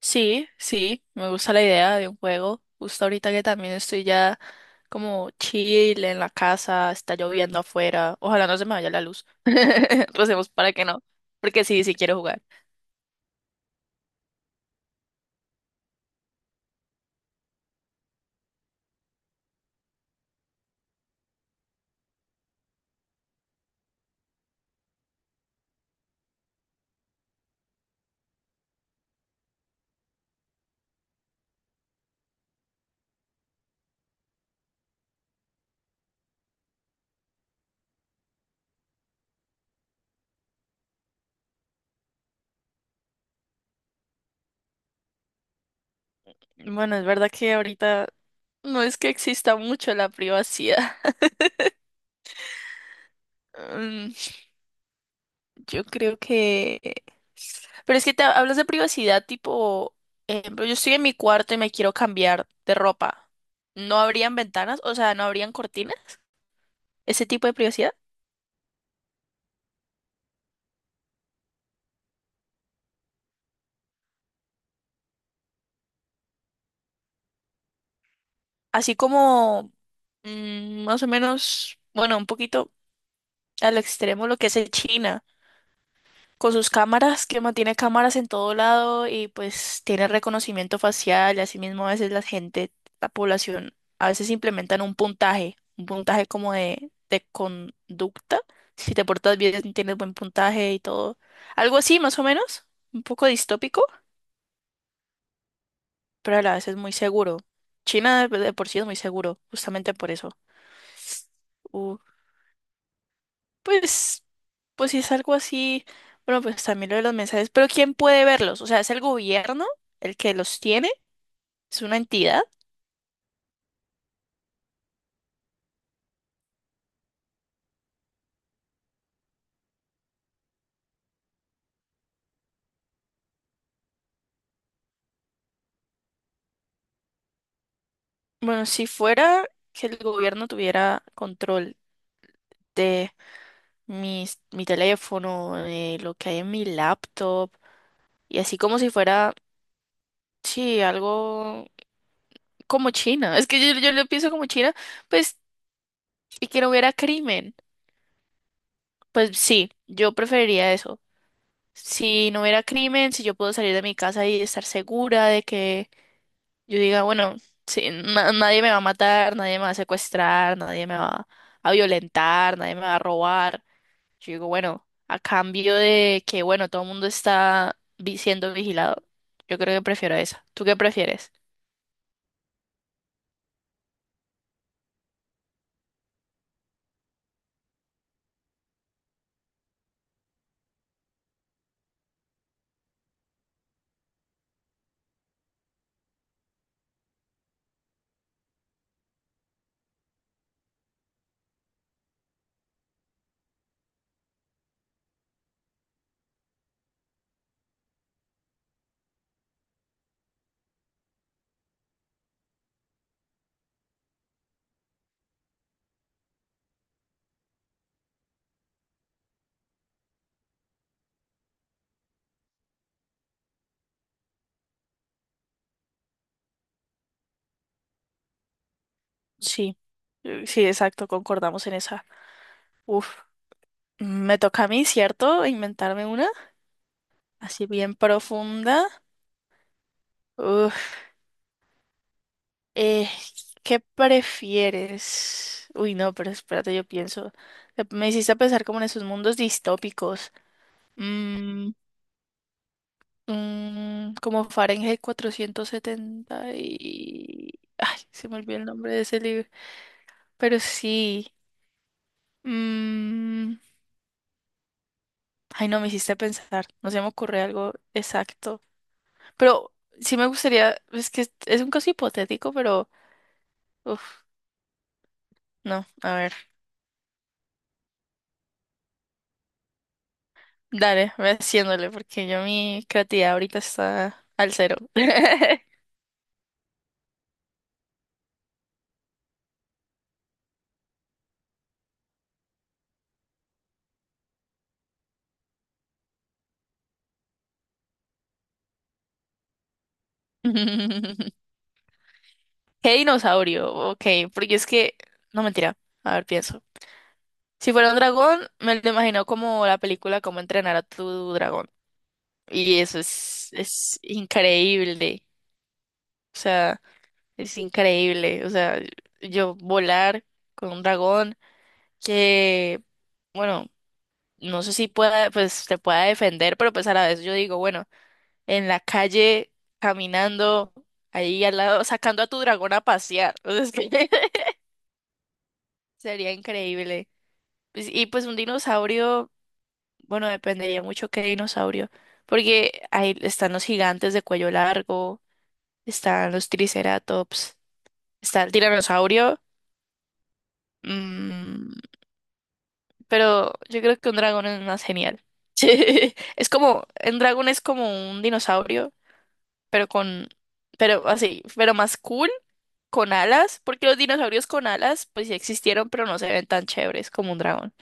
Sí, sí, me gusta la idea de un juego. Justo ahorita que también estoy ya como chill en la casa, está lloviendo afuera. Ojalá no se me vaya la luz. Recemos para que no, porque sí, sí quiero jugar. Bueno, es verdad que ahorita no es que exista mucho la privacidad. Mm, yo creo que... Pero es que te hablas de privacidad tipo, ejemplo, yo estoy en mi cuarto y me quiero cambiar de ropa. ¿No habrían ventanas? O sea, ¿no habrían cortinas? ¿Ese tipo de privacidad? Así como más o menos, bueno, un poquito al extremo lo que es el China, con sus cámaras, que mantiene cámaras en todo lado y pues tiene reconocimiento facial y asimismo a veces la gente, la población, a veces implementan un puntaje como de conducta, si te portas bien tienes buen puntaje y todo, algo así más o menos, un poco distópico, pero a la vez es muy seguro. China de por sí es muy seguro, justamente por eso. Uh, Pues, pues si es algo así, bueno, pues también lo de los mensajes, pero ¿quién puede verlos? O sea, ¿es el gobierno el que los tiene? ¿Es una entidad? Bueno, si fuera que el gobierno tuviera control de mi teléfono, de lo que hay en mi laptop, y así como si fuera, sí, algo como China, es que yo lo pienso como China, pues, y que no hubiera crimen, pues sí, yo preferiría eso. Si no hubiera crimen, si yo puedo salir de mi casa y estar segura de que yo diga, bueno, sí, nadie me va a matar, nadie me va a secuestrar, nadie me va a violentar, nadie me va a robar. Yo digo, bueno, a cambio de que, bueno, todo el mundo siendo vigilado, yo creo que prefiero esa. ¿Tú qué prefieres? Sí, sí, exacto, concordamos en esa. Uf, me toca a mí, ¿cierto? Inventarme una así bien profunda. Eh, ¿Qué prefieres? Uy, no, pero espérate, yo pienso. Me hiciste pensar como en esos mundos distópicos. Mm, como Fahrenheit cuatrocientos setenta y... Ay, se me olvidó el nombre de ese libro. Pero sí. mm, ay, no, me hiciste pensar. No se me ocurre algo exacto. Pero sí me gustaría... Es que es un caso hipotético, pero... Uf, no, a ver. Dale, ve haciéndole, porque yo mi creatividad ahorita está al 0. ¿Qué dinosaurio? Ok, porque es que... No, mentira. A ver, pienso. Si fuera un dragón, me lo imagino como la película Cómo Entrenar a Tu Dragón. Y es increíble. O sea, es increíble. O sea, yo volar con un dragón que, bueno, no sé si pueda, pues te pueda defender, pero pues a la vez yo digo, bueno, en la calle, caminando, ahí al lado, sacando a tu dragón a pasear. O es que sería increíble. Pues, y pues un dinosaurio, bueno, dependería mucho qué dinosaurio, porque ahí están los gigantes de cuello largo, están los triceratops, está el tiranosaurio, mm, pero yo creo que un dragón es más genial. Es como, un dragón es como un dinosaurio, pero con, pero así, pero más cool con alas, porque los dinosaurios con alas, pues sí existieron, pero no se ven tan chéveres como un dragón.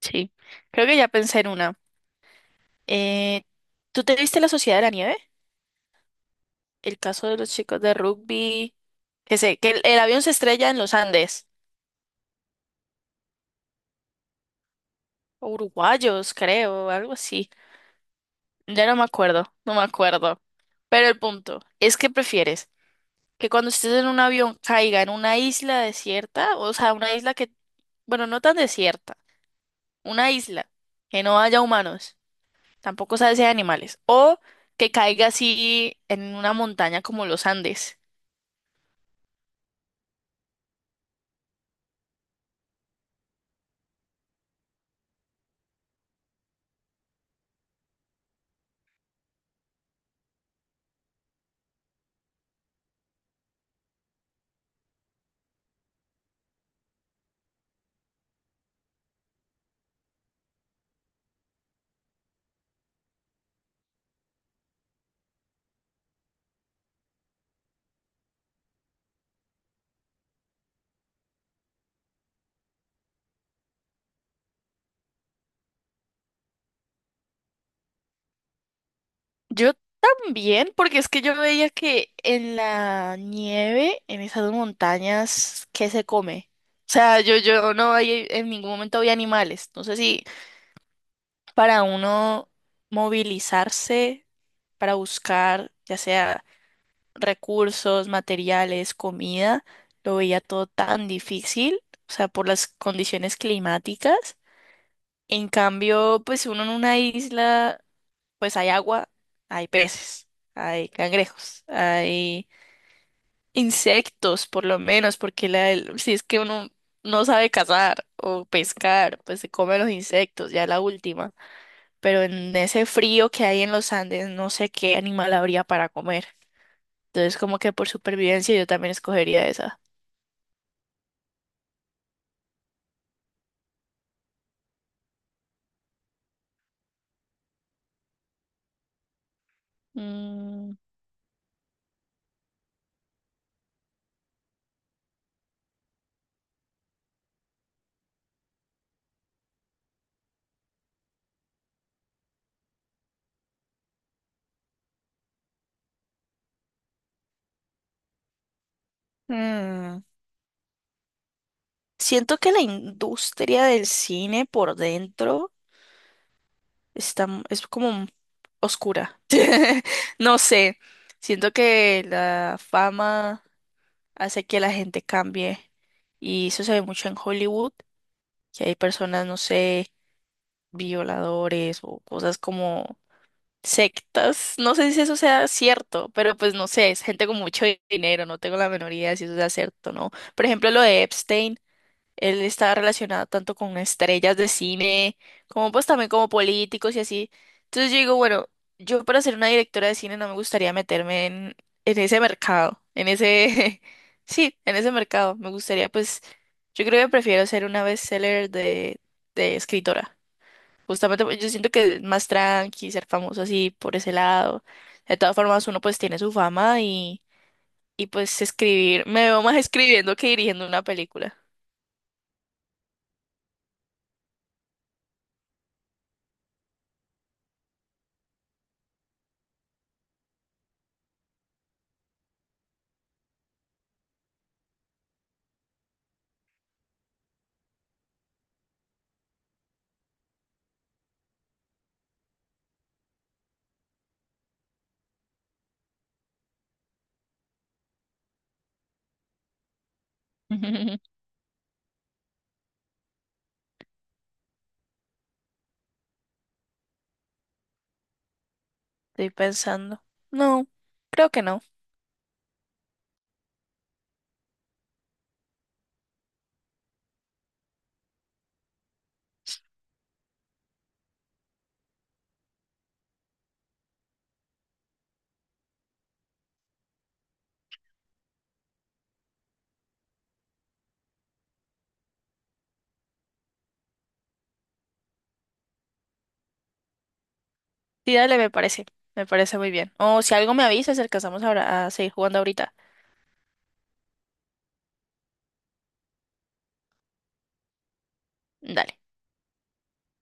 Sí, creo que ya pensé en una. Eh, ¿Tú te viste La Sociedad de la Nieve? El caso de los chicos de rugby, que sé, que el avión se estrella en los Andes, o uruguayos, creo, algo así. Ya no me acuerdo, no me acuerdo. Pero el punto es que prefieres que cuando estés en un avión caiga en una isla desierta, o sea, una isla que, bueno, no tan desierta, una isla que no haya humanos. Tampoco sabe si hay animales. O que caiga así en una montaña como los Andes. Yo también, porque es que yo veía que en la nieve, en esas montañas, ¿qué se come? O sea, yo no hay, en ningún momento vi animales. No sé si para uno movilizarse, para buscar, ya sea recursos, materiales, comida, lo veía todo tan difícil, o sea, por las condiciones climáticas. En cambio, pues uno en una isla, pues hay agua, hay peces, hay cangrejos, hay insectos, por lo menos, porque si es que uno no sabe cazar o pescar, pues se come los insectos, ya la última. Pero en ese frío que hay en los Andes, no sé qué animal habría para comer. Entonces, como que por supervivencia yo también escogería esa. Mm, mm. Siento que la industria del cine por dentro está, es como oscura. No sé. Siento que la fama hace que la gente cambie. Y eso se ve mucho en Hollywood, que hay personas, no sé, violadores o cosas como sectas. No sé si eso sea cierto, pero pues no sé, es gente con mucho dinero, no tengo la menor idea de si eso sea cierto o no. Por ejemplo, lo de Epstein. Él está relacionado tanto con estrellas de cine, como pues también como políticos y así. Entonces yo digo, bueno, yo para ser una directora de cine no me gustaría meterme en ese mercado, en ese, sí, en ese mercado. Me gustaría pues, yo creo que prefiero ser una bestseller de escritora. Justamente porque yo siento que es más tranqui, ser famoso así por ese lado. De todas formas, uno pues tiene su fama y pues escribir, me veo más escribiendo que dirigiendo una película. Estoy pensando. No, creo que no. Sí, dale, me parece. Me parece muy bien. O si algo me avisas, alcanzamos ahora a seguir jugando ahorita. Dale.